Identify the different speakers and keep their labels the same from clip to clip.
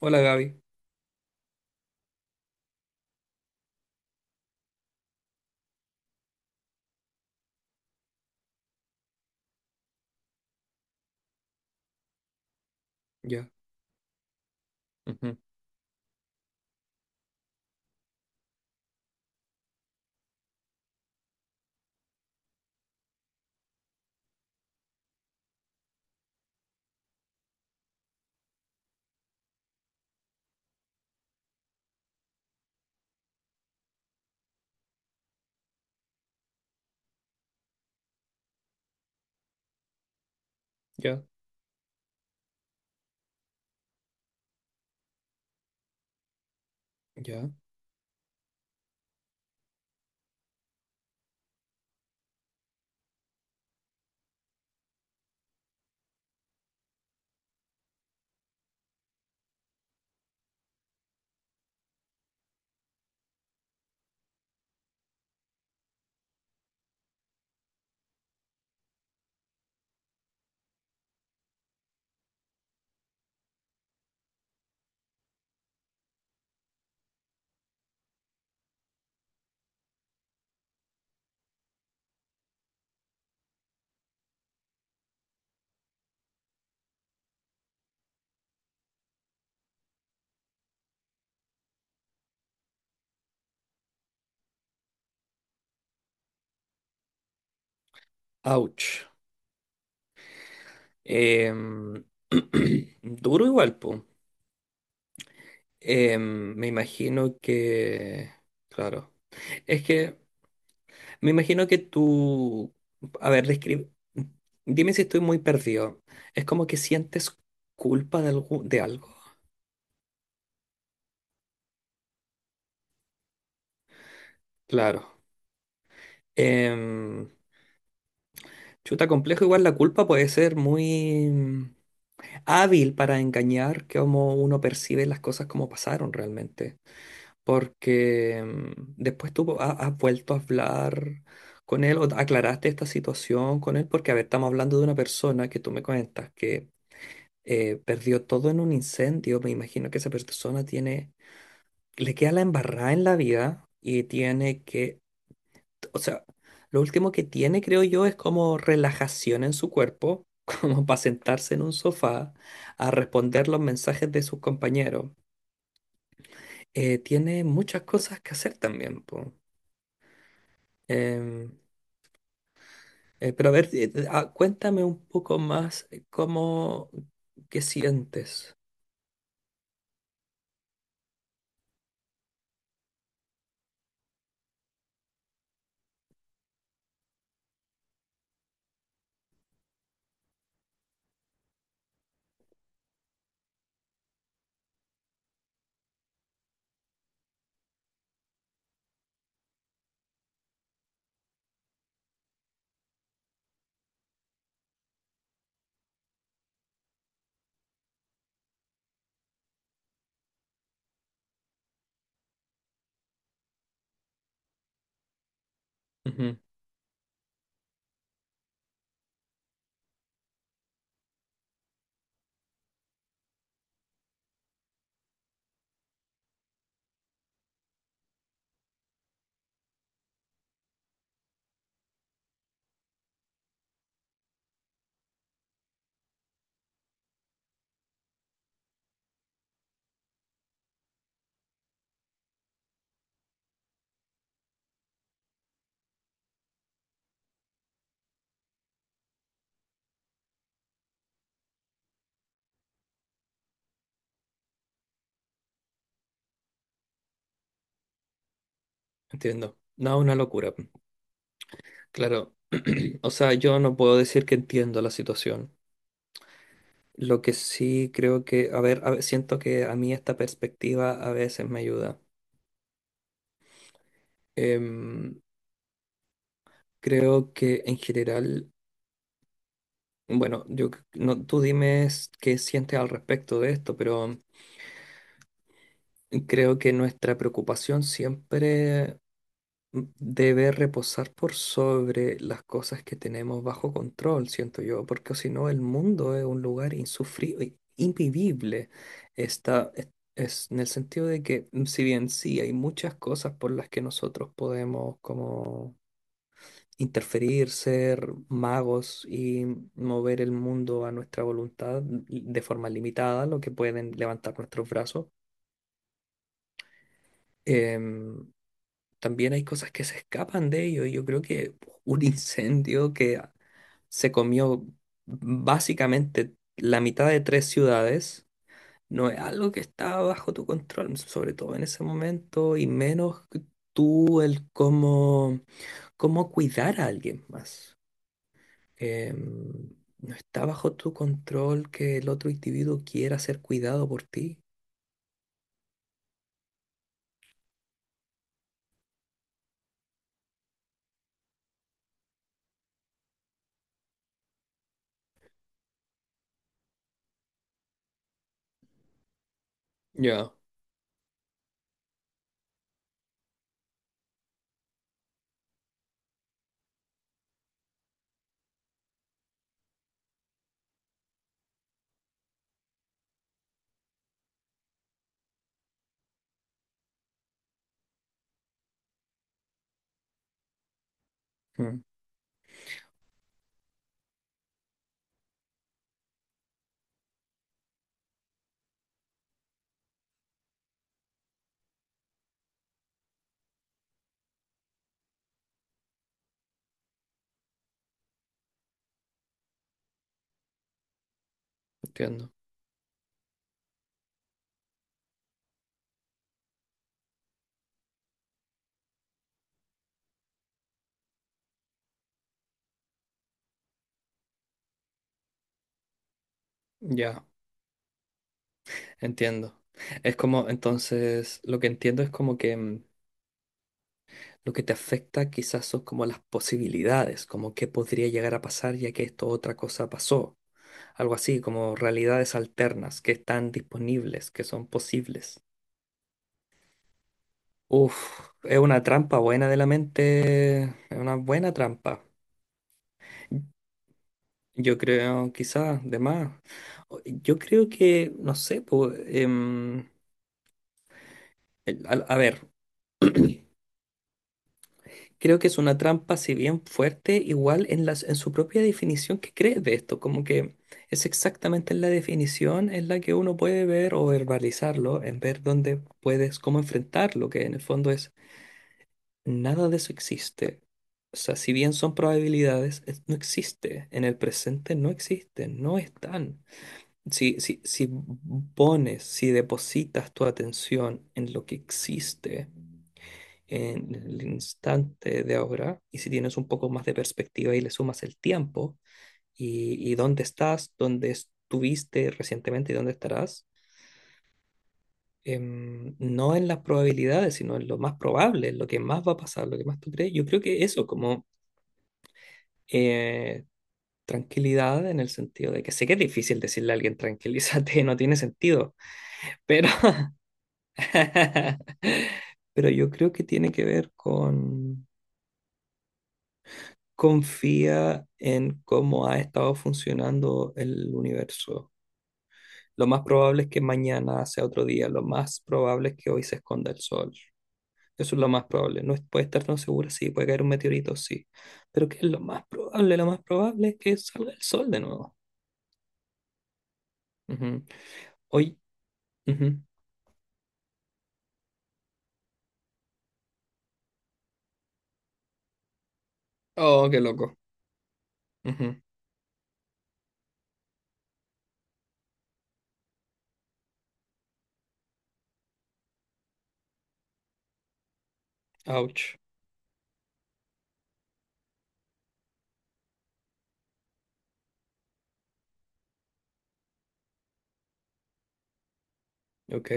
Speaker 1: Hola Gaby. Ya. Ujú. Ya, ya. Ouch. Em, Duro igual, po. Me imagino que. Claro. Es que me imagino que tú. A ver, describe. Dime si estoy muy perdido. Es como que sientes culpa de algo, de algo. Claro. Em, Chuta, complejo. Igual la culpa puede ser muy hábil para engañar cómo uno percibe las cosas como pasaron realmente. Porque después tú has vuelto a hablar con él o aclaraste esta situación con él, porque a ver, estamos hablando de una persona que tú me cuentas que perdió todo en un incendio. Me imagino que esa persona tiene, le queda la embarrada en la vida y tiene que, o sea, lo último que tiene, creo yo, es como relajación en su cuerpo. Como para sentarse en un sofá a responder los mensajes de sus compañeros. Tiene muchas cosas que hacer también, po. Em, pero a ver, ah, cuéntame un poco más, cómo, qué sientes. Ujú, entiendo. No, una locura. Claro. O sea, yo no puedo decir que entiendo la situación. Lo que sí creo que, a ver, siento que a mí esta perspectiva a veces me ayuda. Em, Creo que en general, bueno, yo, no, tú dime, qué sientes al respecto de esto, pero creo que nuestra preocupación siempre debe reposar por sobre las cosas que tenemos bajo control, siento yo, porque si no el mundo es un lugar insufrible, invivible. Está, es en el sentido de que, si bien sí, hay muchas cosas por las que nosotros podemos como interferir, ser magos y mover el mundo a nuestra voluntad de forma limitada, lo que pueden levantar nuestros brazos. Em, También hay cosas que se escapan de ello. Y yo creo que un incendio que se comió básicamente la mitad de tres ciudades no es algo que está bajo tu control, sobre todo en ese momento, y menos que tú el cómo, cómo cuidar a alguien más. Em, no está bajo tu control que el otro individuo quiera ser cuidado por ti. Ya. mm, Entiendo. Ya. Entiendo. Es como, entonces, lo que entiendo es como que lo que te afecta quizás son como las posibilidades, como qué podría llegar a pasar ya que esto otra cosa pasó. Algo así, como realidades alternas que están disponibles, que son posibles. Uf, es una trampa buena de la mente, es una buena trampa. Yo creo, quizás, de más. Yo creo que, no sé, pues, a ver. Creo que es una trampa, si bien fuerte, igual en las, en su propia definición que crees de esto, como que es exactamente en la definición en la que uno puede ver o verbalizarlo, en ver dónde puedes, cómo enfrentarlo, que en el fondo es nada de eso existe. O sea, si bien son probabilidades, no existe. En el presente no existen, no están. Si pones, si depositas tu atención en lo que existe, en el instante de ahora y si tienes un poco más de perspectiva y le sumas el tiempo y dónde estás, dónde estuviste recientemente y dónde estarás, no en las probabilidades, sino en lo más probable, en lo que más va a pasar, lo que más tú crees. Yo creo que eso como eh, tranquilidad, en el sentido de que sé que es difícil decirle a alguien tranquilízate, no tiene sentido, pero, pero yo creo que tiene que ver con confía en cómo ha estado funcionando el universo. Lo más probable es que mañana sea otro día, lo más probable es que hoy se esconda el sol. Eso es lo más probable. No puede estar tan segura, sí, puede caer un meteorito, sí. Pero ¿qué es lo más probable? Lo más probable es que salga el sol de nuevo. Ujú. Hoy. Ujú. Oh, qué loco. Ujú. Ouch. Ok.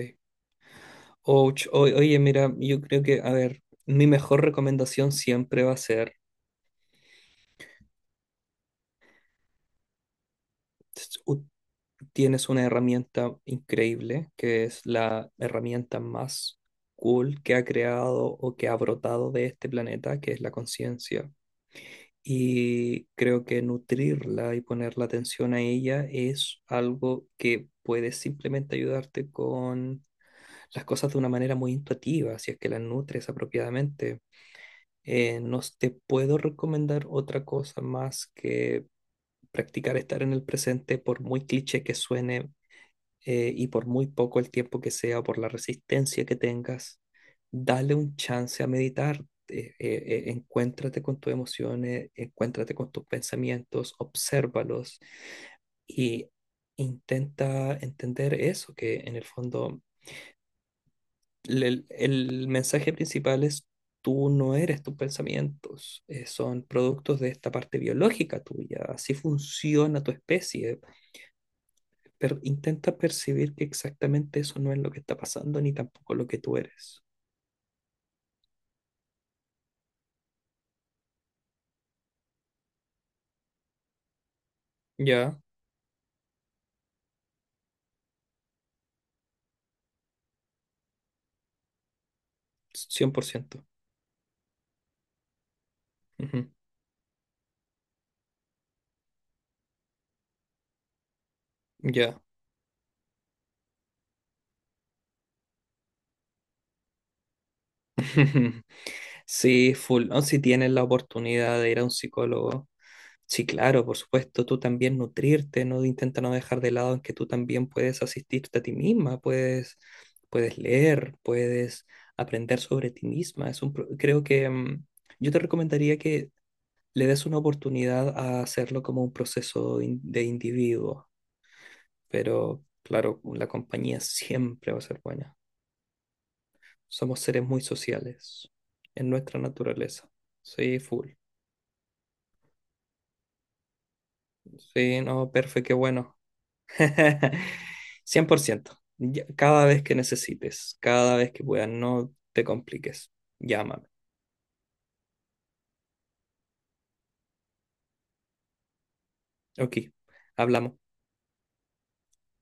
Speaker 1: Ouch. Oye, mira, yo creo que, a ver, mi mejor recomendación siempre va a ser tienes una herramienta increíble, que es la herramienta más cool que ha creado o que ha brotado de este planeta, que es la conciencia. Y creo que nutrirla y poner la atención a ella es algo que puede simplemente ayudarte con las cosas de una manera muy intuitiva, si es que las nutres apropiadamente. No te puedo recomendar otra cosa más que practicar estar en el presente, por muy cliché que suene, y por muy poco el tiempo que sea o por la resistencia que tengas, dale un chance a meditar. Encuéntrate con tus emociones, encuéntrate con tus pensamientos, obsérvalos y intenta entender eso, que en el fondo el mensaje principal es tú no eres tus pensamientos, son productos de esta parte biológica tuya, así funciona tu especie, pero intenta percibir que exactamente eso no es lo que está pasando ni tampoco lo que tú eres. Ya, 100%. Ujú, ya. Sí, full. No, si tienes la oportunidad de ir a un psicólogo, sí, claro, por supuesto, tú también nutrirte, no intenta no dejar de lado en que tú también puedes asistirte a ti misma, puedes, puedes leer, puedes aprender sobre ti misma. Es un, creo que yo te recomendaría que le des una oportunidad a hacerlo como un proceso de individuo, pero claro, la compañía siempre va a ser buena. Somos seres muy sociales en nuestra naturaleza. Sí, full. Sí, no, perfecto, qué bueno. 100%. Cada vez que necesites, cada vez que puedas, no te compliques. Llámame. Ok, hablamos.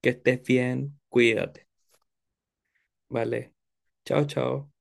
Speaker 1: Que estés bien, cuídate. Vale. Chao, chao.